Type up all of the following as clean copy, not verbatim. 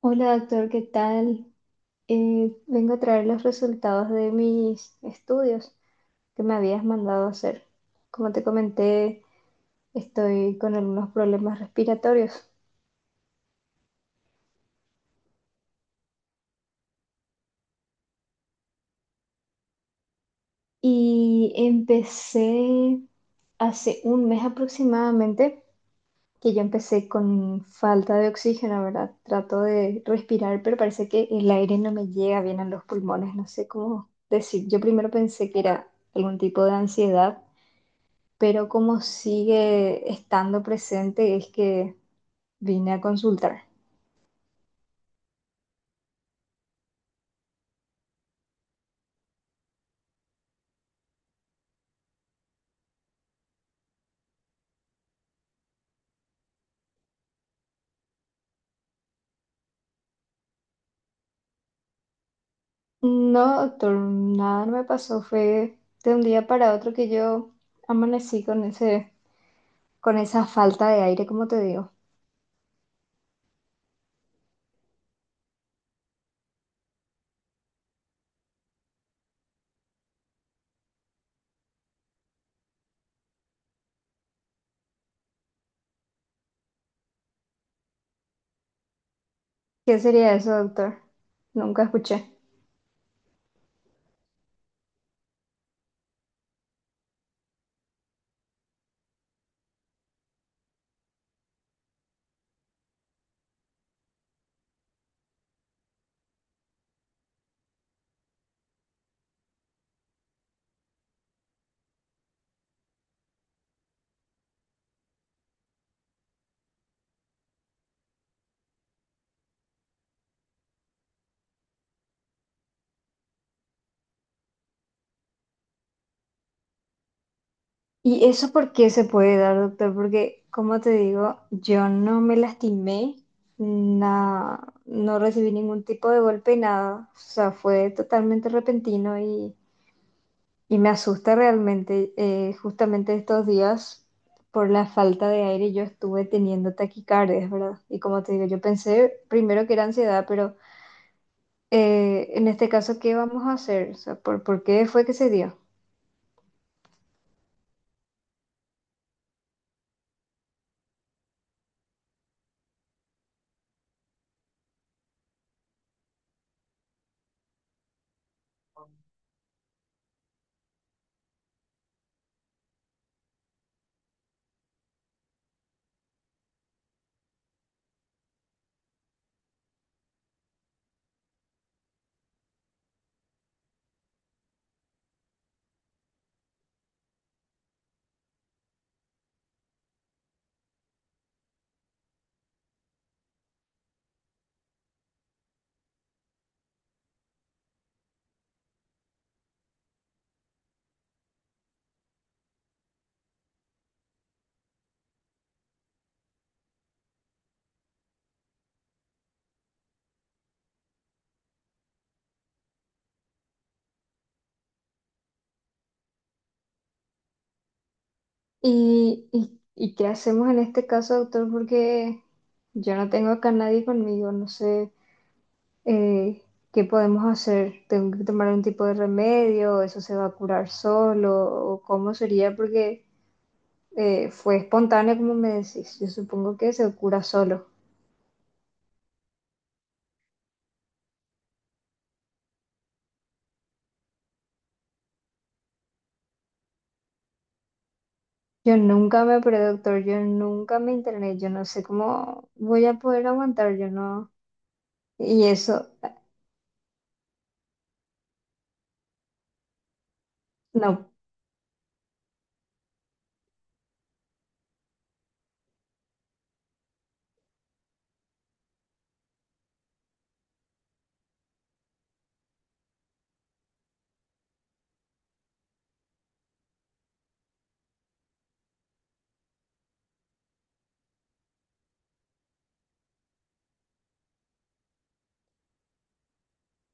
Hola doctor, ¿qué tal? Vengo a traer los resultados de mis estudios que me habías mandado hacer. Como te comenté, estoy con algunos problemas respiratorios y empecé hace un mes aproximadamente, que yo empecé con falta de oxígeno, ¿verdad? Trato de respirar, pero parece que el aire no me llega bien a los pulmones, no sé cómo decir. Yo primero pensé que era algún tipo de ansiedad, pero como sigue estando presente es que vine a consultar. No, doctor, nada no me pasó, fue de un día para otro que yo amanecí con ese, con esa falta de aire, como te digo. ¿Qué sería eso, doctor? Nunca escuché. ¿Y eso por qué se puede dar, doctor? Porque, como te digo, yo no me lastimé, na- no recibí ningún tipo de golpe, nada. O sea, fue totalmente repentino y me asusta realmente, justamente estos días, por la falta de aire, yo estuve teniendo taquicardias, ¿verdad? Y como te digo, yo pensé primero que era ansiedad, pero en este caso, ¿qué vamos a hacer? O sea, ¿por qué fue que se dio? ¿Y qué hacemos en este caso, doctor? Porque yo no tengo acá nadie conmigo, no sé, eh, qué podemos hacer. ¿Tengo que tomar un tipo de remedio? ¿Eso se va a curar solo? ¿O cómo sería? Porque fue espontáneo, como me decís. Yo supongo que se cura solo. Yo nunca me operé, doctor, yo nunca me interné, yo no sé cómo voy a poder aguantar, yo no. Y eso, no,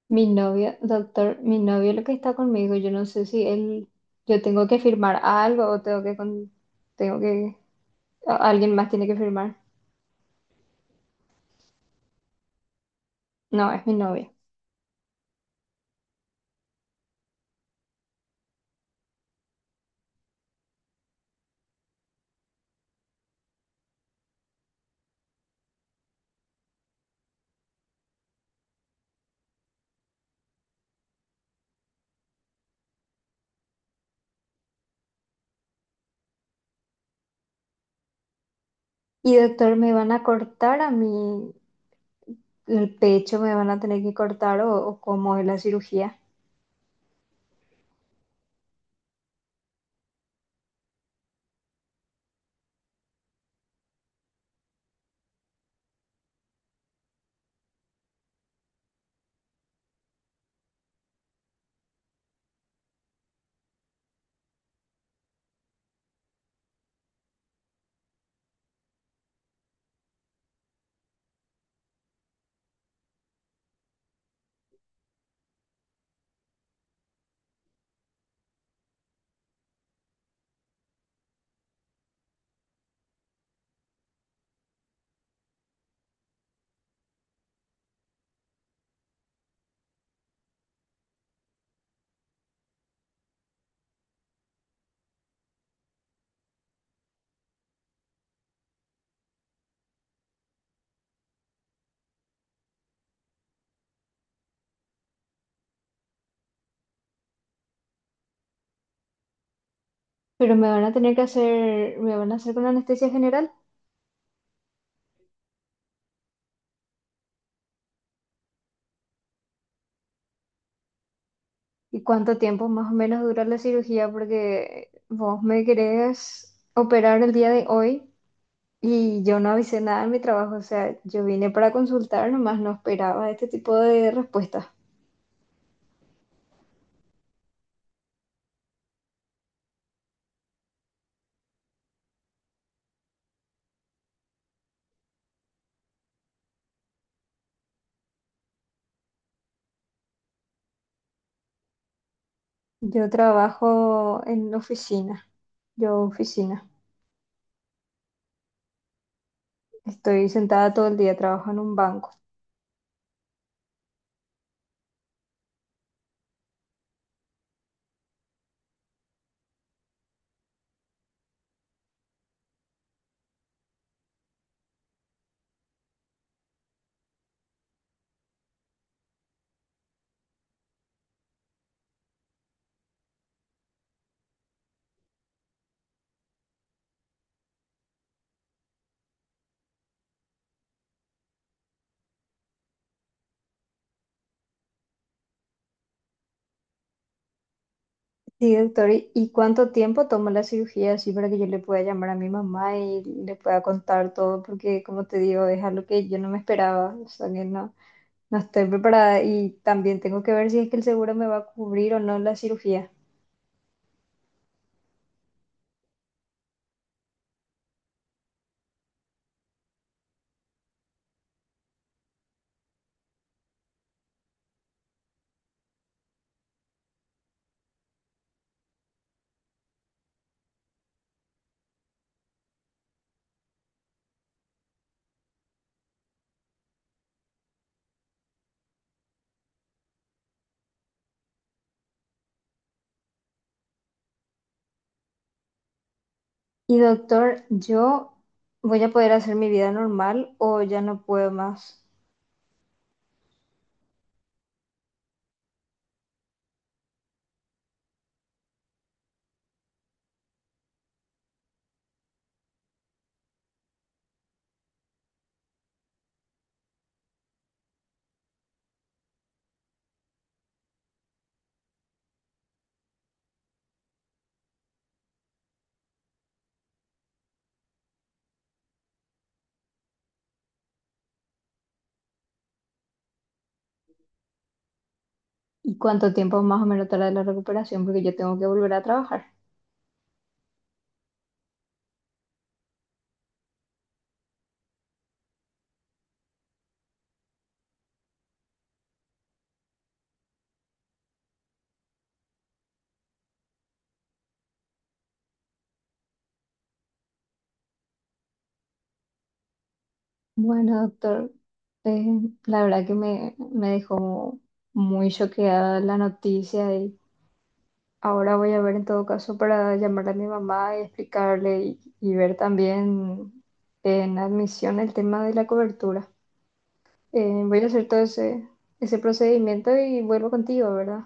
mi novio, doctor, mi novio lo que está conmigo, yo no sé si él, yo tengo que firmar algo o tengo que, con- tengo que, a- alguien más tiene que firmar. No, es mi novio. Y doctor, me van a cortar a mí el pecho, me van a tener que cortar o cómo es la cirugía. Pero me van a tener que hacer, me van a hacer con anestesia general. ¿Y cuánto tiempo más o menos dura la cirugía? Porque vos me querés operar el día de hoy y yo no avisé nada en mi trabajo. O sea, yo vine para consultar, nomás no esperaba este tipo de respuesta. Yo trabajo en oficina, yo oficina. Estoy sentada todo el día, trabajo en un banco. Sí, doctor, y cuánto tiempo toma la cirugía así para que yo le pueda llamar a mi mamá y le pueda contar todo? Porque, como te digo, es algo que yo no me esperaba, o sea, que no, no estoy preparada y también tengo que ver si es que el seguro me va a cubrir o no la cirugía. Y, doctor, ¿yo voy a poder hacer mi vida normal o ya no puedo más? ¿Y cuánto tiempo más o menos tarda la recuperación? Porque yo tengo que volver a trabajar. Bueno, doctor, eh, la verdad que me dejó muy choqueada la noticia y ahora voy a ver en todo caso para llamarle a mi mamá y explicarle y ver también en admisión el tema de la cobertura. Voy a hacer todo ese, ese procedimiento y vuelvo contigo, ¿verdad?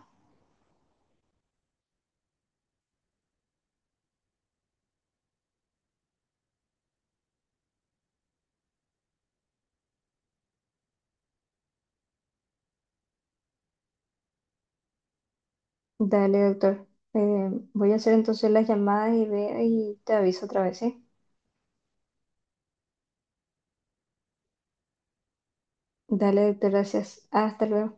Dale, doctor. Voy a hacer entonces las llamadas y veo y te aviso otra vez, ¿sí? Dale, doctor, gracias. Hasta luego.